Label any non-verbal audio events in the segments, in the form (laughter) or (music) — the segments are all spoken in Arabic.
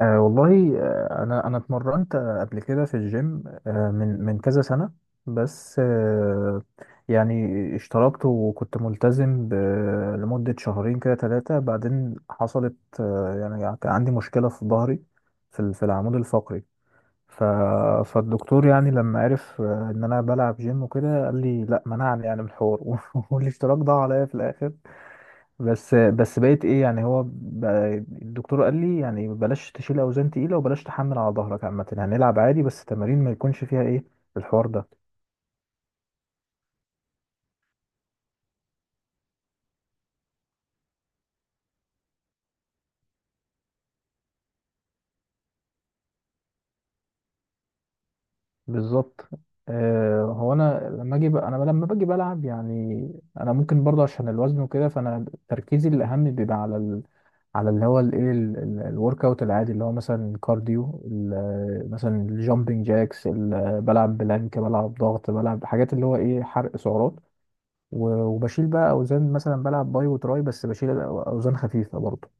أه والله، انا اتمرنت قبل كده في الجيم، من كذا سنة. بس يعني اشتركت وكنت ملتزم لمدة شهرين كده ثلاثة. بعدين حصلت يعني كان عندي مشكلة في ظهري، في في العمود الفقري. ف فالدكتور يعني لما عرف ان انا بلعب جيم وكده، قال لي لا، منعني يعني من الحوار (laughs) والاشتراك ضاع عليا في الاخر. بس بقيت ايه؟ يعني هو الدكتور قال لي يعني بلاش تشيل اوزان تقيله، وبلاش تحمل على ظهرك عامه. هنلعب عادي بس تمارين ما يكونش فيها ايه، الحوار ده. بالظبط. آه، هو انا انا لما باجي بلعب، يعني انا ممكن برضه عشان الوزن وكده، فانا تركيزي الاهم بيبقى على على اللي هو الايه، الورك اوت العادي، اللي هو مثلا الكارديو، مثلا الجامبنج جاكس، بلعب بلانك، بلعب ضغط، بلعب حاجات اللي هو ايه، حرق سعرات. وبشيل بقى اوزان، مثلا بلعب باي وتراي بس بشيل اوزان خفيفه برضه.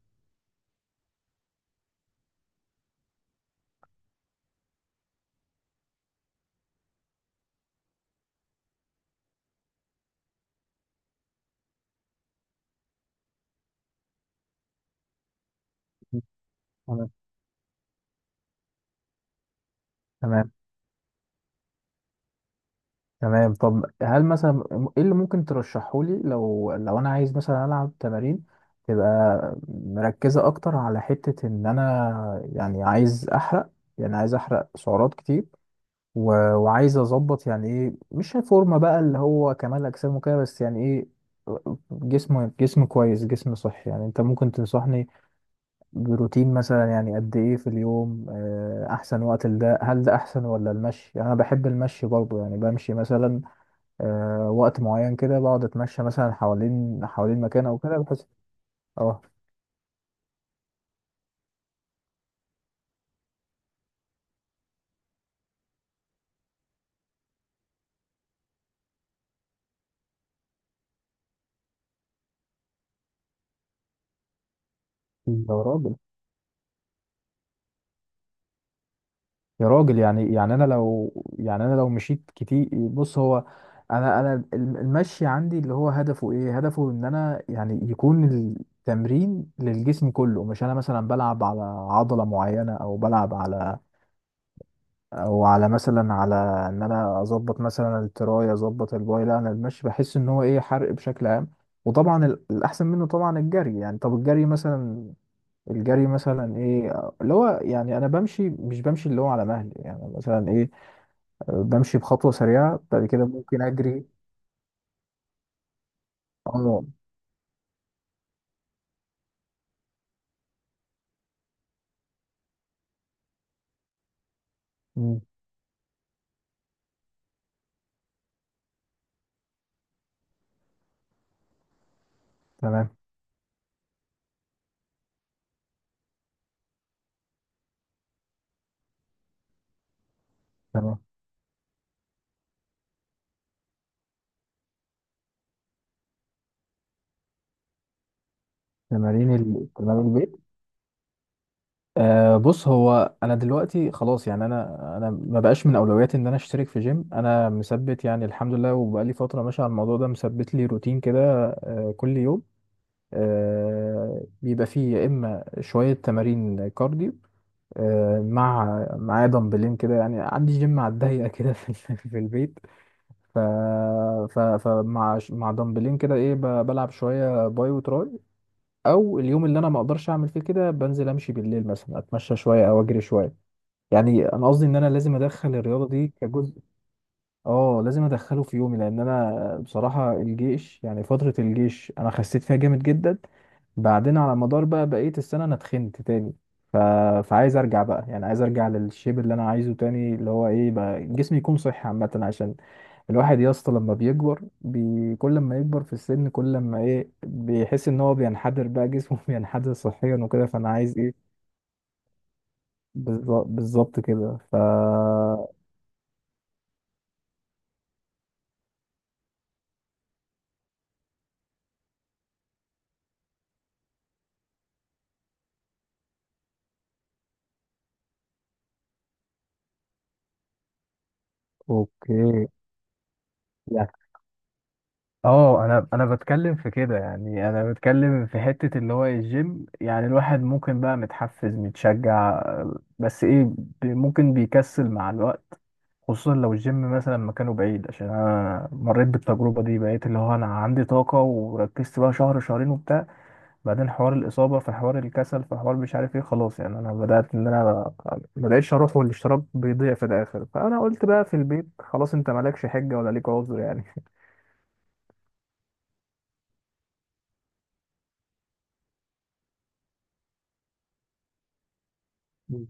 تمام. تمام، تمام. طب هل مثلا ايه اللي ممكن ترشحه لي، لو انا عايز مثلا العب تمارين تبقى مركزة اكتر على حتة ان انا يعني عايز احرق، يعني عايز احرق سعرات كتير، وعايز اظبط يعني ايه، مش فورمة بقى اللي هو كمال اجسام وكده، بس يعني ايه، جسم، جسم كويس، جسم صحي. يعني انت ممكن تنصحني بروتين مثلا؟ يعني قد ايه في اليوم؟ احسن وقت لده؟ هل ده احسن ولا المشي؟ يعني انا بحب المشي برضو، يعني بمشي مثلا وقت معين كده، بقعد اتمشى مثلا حوالين مكان او كده، بحس. اه، يا راجل، يا راجل. يعني انا لو، يعني انا لو مشيت كتير، بص هو انا، المشي عندي اللي هو هدفه ايه، هدفه ان انا يعني يكون التمرين للجسم كله، مش انا مثلا بلعب على عضلة معينة، او بلعب على، او على مثلا على ان انا اظبط مثلا التراي، اظبط الباي. لا، انا المشي بحس ان هو ايه، حرق بشكل عام. وطبعا الاحسن منه طبعا الجري. يعني طب الجري مثلا، الجري مثلا ايه اللي هو، يعني انا بمشي مش بمشي اللي هو على مهلي، يعني مثلا ايه، بمشي بخطوه سريعه، بعد كده ممكن اجري. اه. أمم، تمام. تمام. تمارين تمارين البيت. أه، بص، هو انا دلوقتي خلاص، يعني انا ما بقاش من اولوياتي ان انا اشترك في جيم. انا مثبت يعني، الحمد لله، وبقالي فتره ماشي على الموضوع ده، مثبت لي روتين كده. أه، كل يوم أه بيبقى فيه يا اما شويه تمارين كارديو، أه معايا دمبلين كده، يعني عندي جيم على الضيقه كده في (laughs) في البيت. ف ف فمع مع دمبلين كده ايه، بلعب شويه باي وتراي، او اليوم اللي انا ما اقدرش اعمل فيه كده بنزل امشي بالليل مثلا، اتمشى شويه او اجري شويه. يعني انا قصدي ان انا لازم ادخل الرياضه دي كجزء، اه لازم ادخله في يومي. لان انا بصراحه الجيش، يعني فتره الجيش انا خسيت فيها جامد جدا، بعدين على مدار بقى بقيه السنه انا اتخنت تاني. ف... فعايز ارجع بقى، يعني عايز ارجع للشيب اللي انا عايزه تاني، اللي هو ايه بقى، جسمي يكون صحي عامه. عشان الواحد يا اسطى كل ما يكبر في السن كل ما ايه بيحس ان هو بينحدر بقى، جسمه (laughs) بينحدر صحيا وكده، فانا عايز ايه، بالظبط كده. اوكي. يعني اه، انا بتكلم في كده، يعني انا بتكلم في حتة اللي هو الجيم. يعني الواحد ممكن بقى متحفز متشجع، بس ايه، ممكن بيكسل مع الوقت، خصوصا لو الجيم مثلا مكانه بعيد. عشان انا مريت بالتجربة دي، بقيت اللي هو انا عندي طاقة وركزت بقى شهر شهرين وبتاع، بعدين حوار الإصابة، في حوار الكسل، في حوار مش عارف ايه، خلاص يعني انا بدأت ان انا ما بقتش اروح، والاشتراك بيضيع في الاخر. فانا قلت بقى في البيت خلاص، انت مالكش حجة ولا ليك عذر يعني. مم.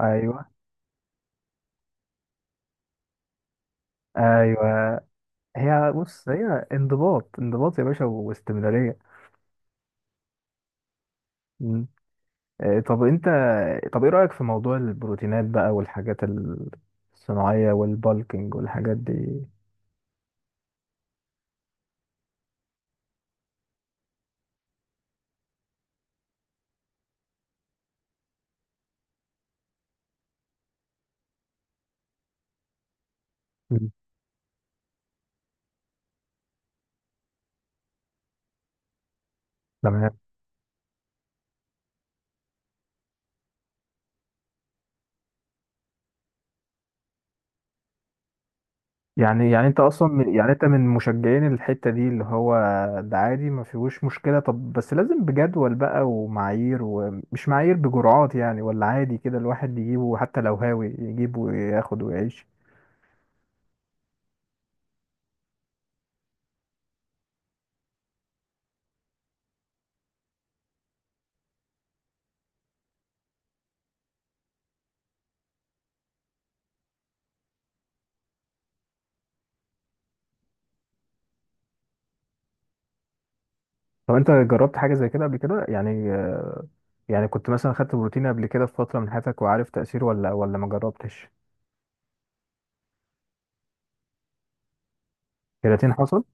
ايوه، ايوه. هي بص، هي انضباط، انضباط يا باشا، واستمراريه. مم. طب انت، طب ايه رايك في موضوع البروتينات بقى والحاجات الصناعيه والبالكينج والحاجات دي؟ مم. تمام. يعني، يعني انت من مشجعين الحته دي، اللي هو ده عادي، ما فيهوش مشكله. طب بس لازم بجدول بقى ومعايير، ومش معايير، بجرعات يعني؟ ولا عادي كده الواحد يجيبه حتى لو هاوي، يجيبه وياخد ويعيش؟ طب انت جربت حاجه زي كده قبل كده يعني، يعني كنت مثلا خدت بروتين قبل كده في فتره من حياتك وعارف تاثيره، ولا ما جربتش؟ كرياتين حصل.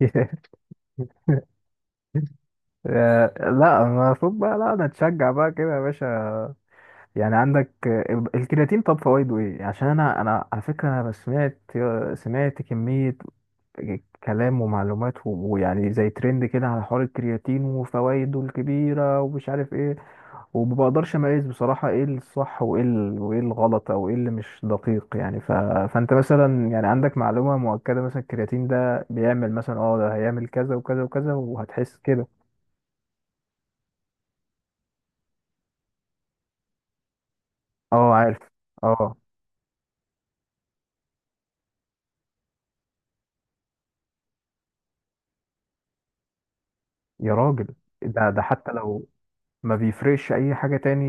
(laughs) لا، المفروض بقى، لا انا اتشجع بقى كده يا باشا. يعني عندك الكرياتين، طب فوائده ايه؟ عشان انا على فكره، انا سمعت كميه كلام ومعلومات، ويعني زي ترند كده على حوار الكرياتين وفوائده الكبيره ومش عارف ايه. وما بقدرش اميز بصراحه ايه الصح وايه وايه الغلط، او ايه اللي مش دقيق يعني. فانت مثلا يعني عندك معلومه مؤكده مثلا الكرياتين ده بيعمل مثلا، اه ده هيعمل كذا وكذا وكذا وهتحس كده؟ اه، عارف. اه، يا راجل. ده، حتى لو ما بيفرقش اي حاجه تاني؟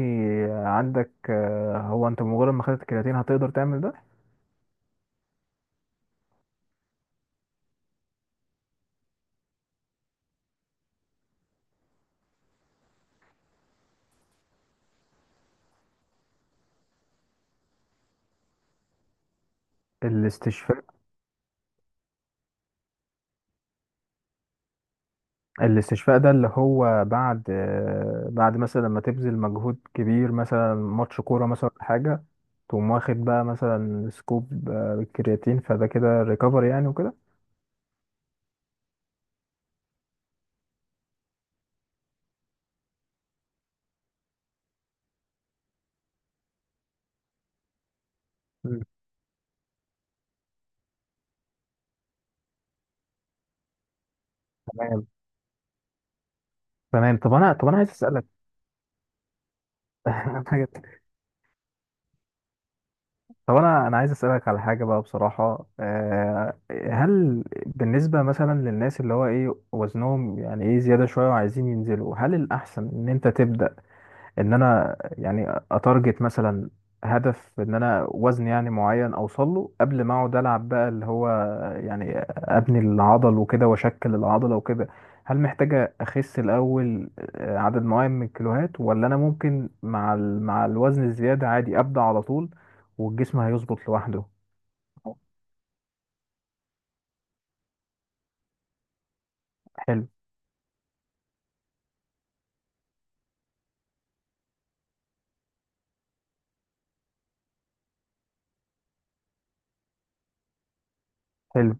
عندك هو انت بمجرد ما خدت الكرياتين هتقدر تعمل ده؟ الاستشفاء، الاستشفاء ده اللي هو بعد بعد مثلا لما تبذل مجهود كبير، مثلا ماتش كورة مثلا ولا حاجة، تقوم واخد بقى مثلا سكوب كرياتين، فده كده ريكفري يعني وكده؟ مم. تمام. تمام، طب انا، طب انا عايز اسالك. (laughs) حاجة. طب انا عايز اسالك على حاجه بقى بصراحه. هل بالنسبه مثلا للناس اللي هو ايه وزنهم يعني ايه زياده شويه وعايزين ينزلوا، هل الاحسن ان انت تبدا، ان انا يعني اتارجت مثلا هدف ان انا وزن يعني معين اوصل له قبل ما اقعد العب بقى اللي هو، يعني ابني العضل وكده واشكل العضله وكده؟ هل محتاجه اخس الاول عدد معين من الكيلوهات، ولا انا ممكن مع مع الوزن الزياده عادي ابدا على طول والجسم هيظبط لوحده؟ حلو. حلو.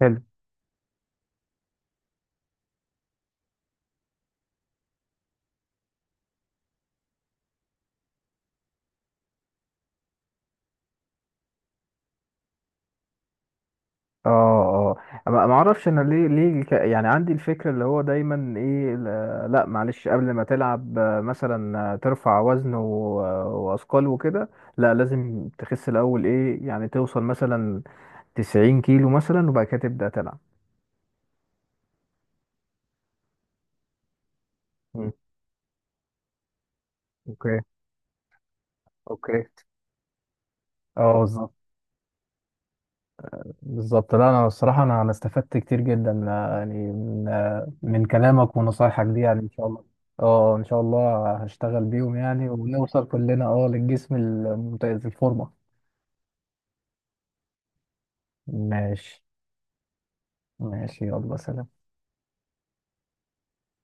حلو. اه، اه، ما اعرفش انا، ليه يعني عندي الفكره اللي هو دايما ايه، لا معلش، قبل ما تلعب مثلا ترفع وزن واثقال وكده، لا لازم تخس الاول ايه يعني، توصل مثلا 90 كيلو مثلا وبعد كده تبدا تلعب. مم. اوكي. اوكي. اه، بالظبط. بالظبط. لا، انا الصراحه انا استفدت كتير جدا، يعني من من كلامك ونصايحك دي يعني. ان شاء الله. اه، ان شاء الله هشتغل بيهم يعني، ونوصل كلنا اه للجسم الممتاز، الفورمه. ماشي. ماشي، يلا سلام.